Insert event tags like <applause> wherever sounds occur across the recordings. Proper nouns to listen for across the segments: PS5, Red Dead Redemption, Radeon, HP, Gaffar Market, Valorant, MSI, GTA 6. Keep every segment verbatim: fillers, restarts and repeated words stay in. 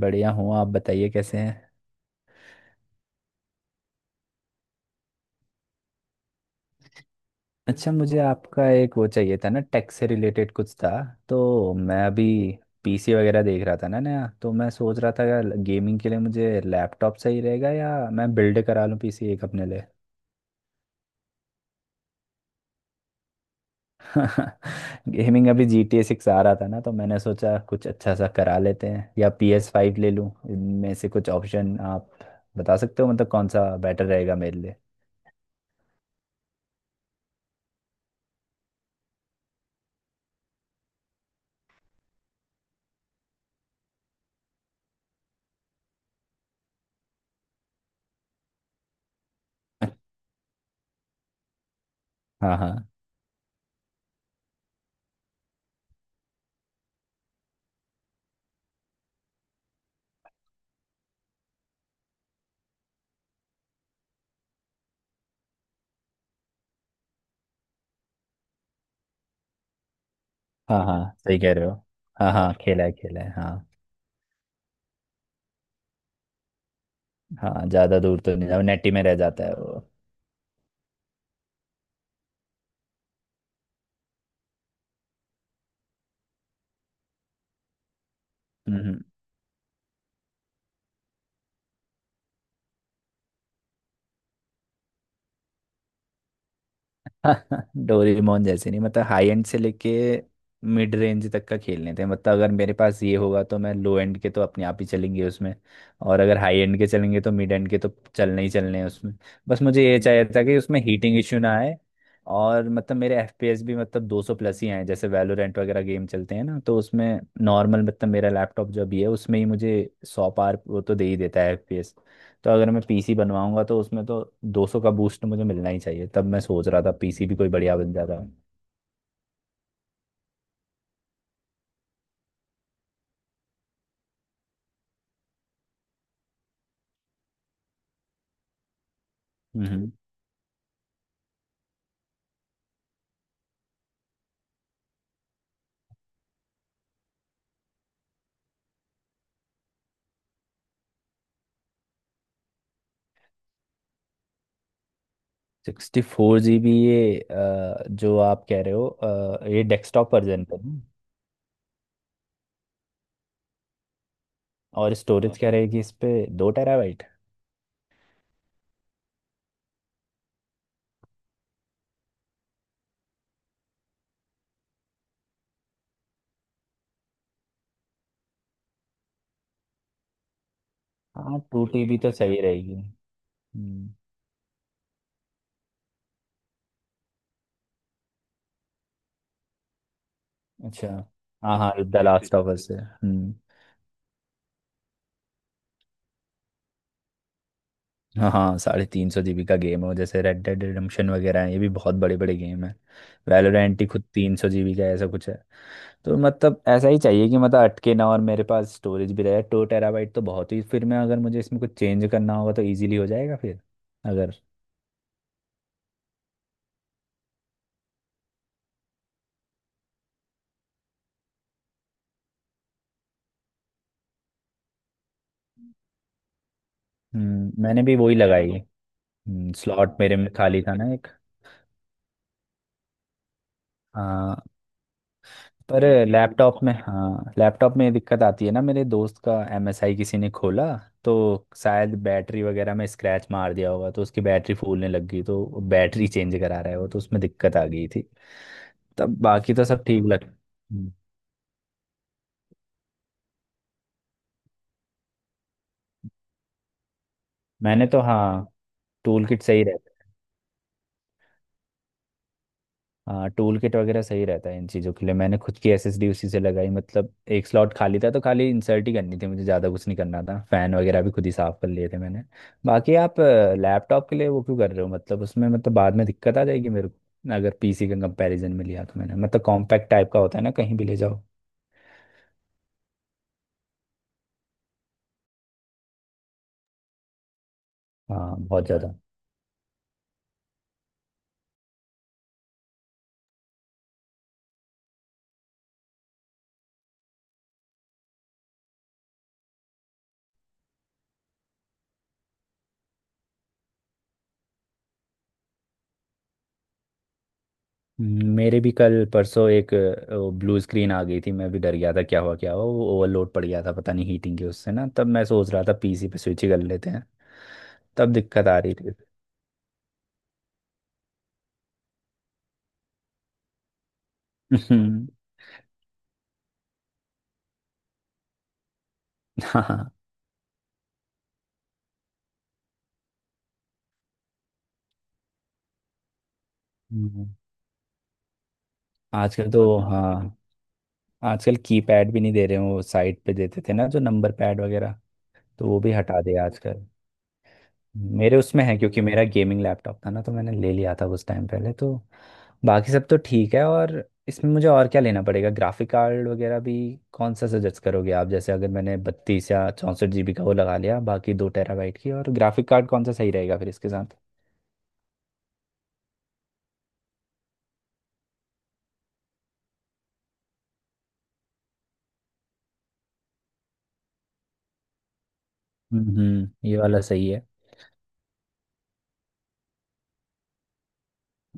बढ़िया हूँ। आप बताइए कैसे हैं। अच्छा मुझे आपका एक वो चाहिए था ना, टैक्स से रिलेटेड कुछ था। तो मैं अभी पीसी वगैरह देख रहा था ना, नया। तो मैं सोच रहा था गेमिंग के लिए मुझे लैपटॉप सही रहेगा या मैं बिल्ड करा लूँ पीसी एक अपने लिए। <laughs> गेमिंग अभी जी टी ए सिक्स आ रहा था ना, तो मैंने सोचा कुछ अच्छा सा करा लेते हैं या पी एस फाइव ले लूँ। इनमें से कुछ ऑप्शन आप बता सकते हो मतलब कौन सा बेटर रहेगा मेरे लिए। हाँ हाँ। हाँ हाँ, सही कह रहे हो। हाँ हाँ खेला है खेला है, हाँ। हाँ, ज्यादा दूर तो नहीं जाओ, नेटी में रह जाता है वो। हम्म। <laughs> डोरेमोन जैसे नहीं, मतलब हाई एंड से लेके मिड रेंज तक का खेलने थे। मतलब अगर मेरे पास ये होगा तो मैं लो एंड के तो अपने आप ही चलेंगे उसमें। और अगर हाई एंड के चलेंगे तो मिड एंड के तो चलने ही चलने हैं उसमें। बस मुझे ये चाहिए था कि उसमें हीटिंग इश्यू ना आए, और मतलब मेरे एफ पी एस भी मतलब दो सौ प्लस ही आए। जैसे वैलोरेंट वगैरह गेम चलते हैं ना, तो उसमें नॉर्मल मतलब मेरा लैपटॉप जो भी है उसमें ही मुझे सौ पार वो तो दे ही देता है एफ पी एस। तो अगर मैं पीसी बनवाऊंगा तो उसमें तो दो सौ का बूस्ट मुझे मिलना ही चाहिए। तब मैं सोच रहा था पीसी भी कोई बढ़िया बन जाता। हम्म। सिक्सटी फोर जी बी ये अ, जो आप कह रहे हो अ, ये डेस्कटॉप वर्जन पे ना? और स्टोरेज क्या रहेगी इस पे, दो टेराबाइट? हाँ टू टीबी तो सही रहेगी। हम्म। अच्छा। हाँ हाँ द लास्ट ऑफ अस है, हम्म। हाँ हाँ साढ़े तीन सौ जीबी का गेम है। जैसे रेड डेड रिडम्पशन वगैरह है, ये भी बहुत बड़े बड़े गेम है। वैलोरेंट ही खुद तीन सौ जीबी का ऐसा कुछ है। तो मतलब ऐसा ही चाहिए कि मतलब अटके ना, और मेरे पास स्टोरेज भी रहे। टू टेराबाइट तो बहुत ही, फिर मैं अगर मुझे इसमें कुछ चेंज करना होगा तो इजीली हो जाएगा फिर, अगर। हम्म, मैंने भी वही लगाई। स्लॉट मेरे में खाली था ना एक। हाँ। पर लैपटॉप में, हाँ लैपटॉप में ये दिक्कत आती है ना। मेरे दोस्त का एम एस आई किसी ने खोला तो शायद बैटरी वगैरह में स्क्रैच मार दिया होगा, तो उसकी बैटरी फूलने लग गई। तो बैटरी चेंज करा रहा है वो, तो उसमें दिक्कत आ गई थी। तब बाकी तो सब ठीक लग, हम्म। मैंने तो, हाँ, टूल किट सही रहता है। हाँ टूल किट वगैरह सही रहता है इन चीज़ों के लिए। मैंने खुद की एस एस डी उसी से लगाई। मतलब एक स्लॉट खाली था तो खाली इंसर्ट ही करनी थी मुझे, ज़्यादा कुछ नहीं करना था। फ़ैन वगैरह भी खुद ही साफ़ कर लिए थे मैंने। बाकी आप लैपटॉप के लिए वो क्यों कर रहे हो मतलब उसमें, मतलब बाद में दिक्कत आ जाएगी मेरे को अगर पीसी के कंपैरिजन में लिया तो। मैंने मतलब कॉम्पैक्ट टाइप का होता है ना, कहीं भी ले जाओ। हाँ बहुत ज़्यादा। मेरे भी कल परसों एक ब्लू स्क्रीन आ गई थी। मैं भी डर गया था क्या हुआ क्या हुआ। वो ओवरलोड पड़ गया था, पता नहीं हीटिंग के उससे ना। तब मैं सोच रहा था पीसी पे स्विच ही कर लेते हैं। तब दिक्कत आ रही थी। <laughs> हम्म। हाँ। हम्म। आजकल तो, हाँ, आजकल कीपैड भी नहीं दे रहे हैं। वो साइड पे देते थे ना जो नंबर पैड वगैरह, तो वो भी हटा दिया आजकल। मेरे उसमें है क्योंकि मेरा गेमिंग लैपटॉप था ना, तो मैंने ले लिया था उस टाइम पहले तो। बाकी सब तो ठीक है, और इसमें मुझे और क्या लेना पड़ेगा? ग्राफिक कार्ड वगैरह भी कौन सा सजेस्ट करोगे आप? जैसे अगर मैंने बत्तीस या चौंसठ जीबी का वो लगा लिया, बाकी दो टेराबाइट की, और ग्राफिक कार्ड कौन सा सही रहेगा फिर इसके साथ? हम्म, ये वाला सही है।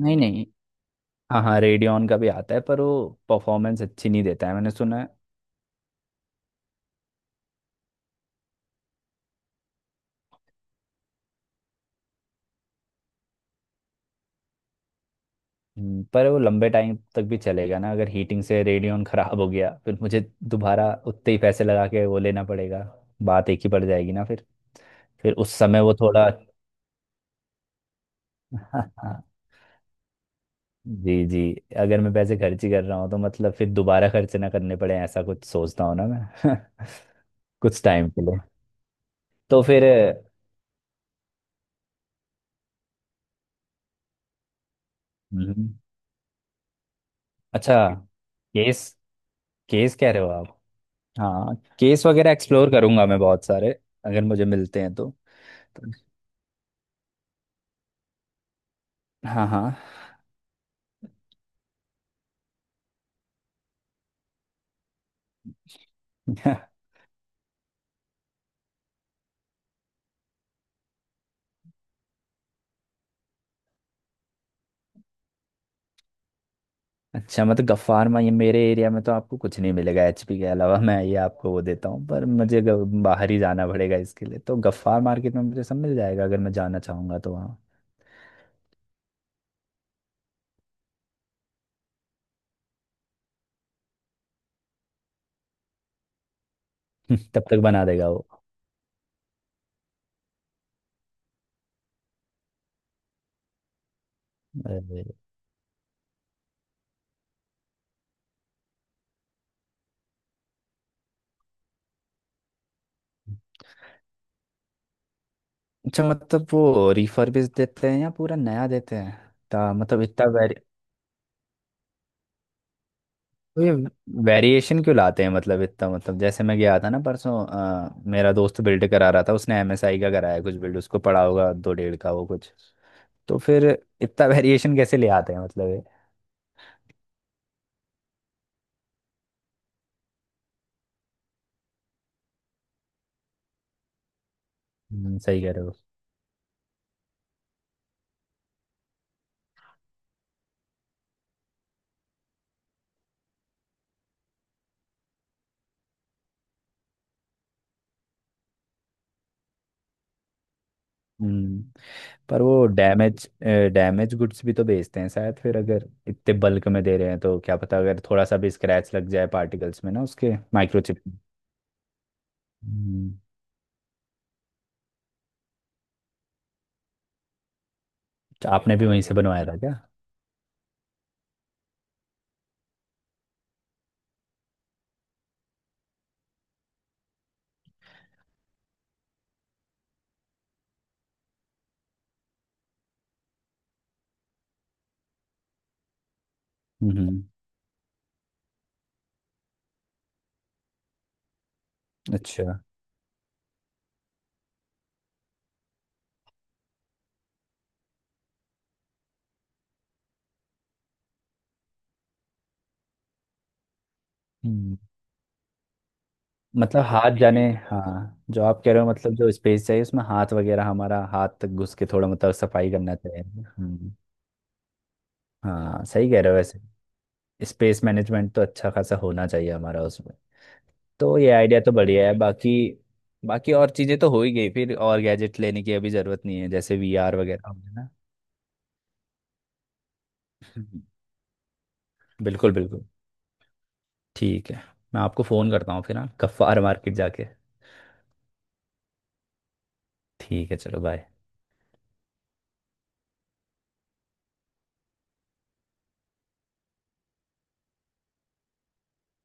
नहीं नहीं। हाँ हाँ रेडियन का भी आता है, पर वो परफॉर्मेंस अच्छी नहीं देता है, मैंने सुना है। हम्म, पर वो लंबे टाइम तक भी चलेगा ना? अगर हीटिंग से रेडियन ख़राब हो गया फिर मुझे दोबारा उतने ही पैसे लगा के वो लेना पड़ेगा। बात एक ही पड़ जाएगी ना फिर। फिर उस समय वो थोड़ा। <laughs> जी जी। अगर मैं पैसे खर्च ही कर रहा हूँ तो मतलब फिर दोबारा खर्च ना करने पड़े, ऐसा कुछ सोचता हूँ ना मैं। <laughs> कुछ टाइम के लिए। तो फिर। हम्म, अच्छा। केस। केस कह रहे हो आप? हाँ, केस वगैरह एक्सप्लोर करूंगा मैं, बहुत सारे अगर मुझे मिलते हैं तो। हाँ हाँ। <laughs> अच्छा, मतलब गफ्फार में, ये मेरे एरिया में तो आपको कुछ नहीं मिलेगा एच पी के अलावा। मैं ये आपको वो देता हूँ, पर मुझे ग- बाहर ही जाना पड़ेगा इसके लिए। तो गफ्फार मार्केट में मुझे सब मिल जाएगा अगर मैं जाना चाहूँगा तो वहाँ। <laughs> तब तक बना देगा वो। अरे, अच्छा मतलब वो रिफर्बिश देते हैं या पूरा नया देते हैं? ता मतलब इतना वेरी, तो ये वेरिएशन क्यों लाते हैं मतलब इतना? मतलब जैसे मैं गया था ना परसों, अ, मेरा दोस्त बिल्ड करा रहा था उसने एम एस आई का कराया कुछ बिल्ड। उसको पड़ा होगा दो डेढ़ का वो कुछ, तो फिर इतना वेरिएशन कैसे ले आते हैं मतलब ये? हम्म, सही कह रहे हो। हम्म। पर वो डैमेज, डैमेज गुड्स भी तो बेचते हैं शायद। फिर अगर इतने बल्क में दे रहे हैं तो क्या पता, अगर थोड़ा सा भी स्क्रैच लग जाए पार्टिकल्स में ना, उसके माइक्रोचिप। तो आपने भी वहीं से बनवाया था क्या? हम्म हम्म, अच्छा। हम्म, मतलब हाथ जाने। हाँ जो आप कह रहे हो मतलब जो स्पेस चाहिए, उसमें हाथ वगैरह, हमारा हाथ तक घुस के थोड़ा मतलब सफाई करना चाहिए। हम्म। हाँ सही कह रहे हो वैसे। स्पेस मैनेजमेंट तो अच्छा खासा होना चाहिए हमारा उसमें। तो ये आइडिया तो बढ़िया है। बाकी, बाकी और चीज़ें तो हो ही गई फिर। और गैजेट लेने की अभी ज़रूरत नहीं है, जैसे वी आर वगैरह हो गया ना। हम्म। बिल्कुल बिल्कुल। ठीक है। मैं आपको फ़ोन करता हूँ फिर, हाँ, गफ्फार मार्केट जाके। ठीक है, चलो बाय।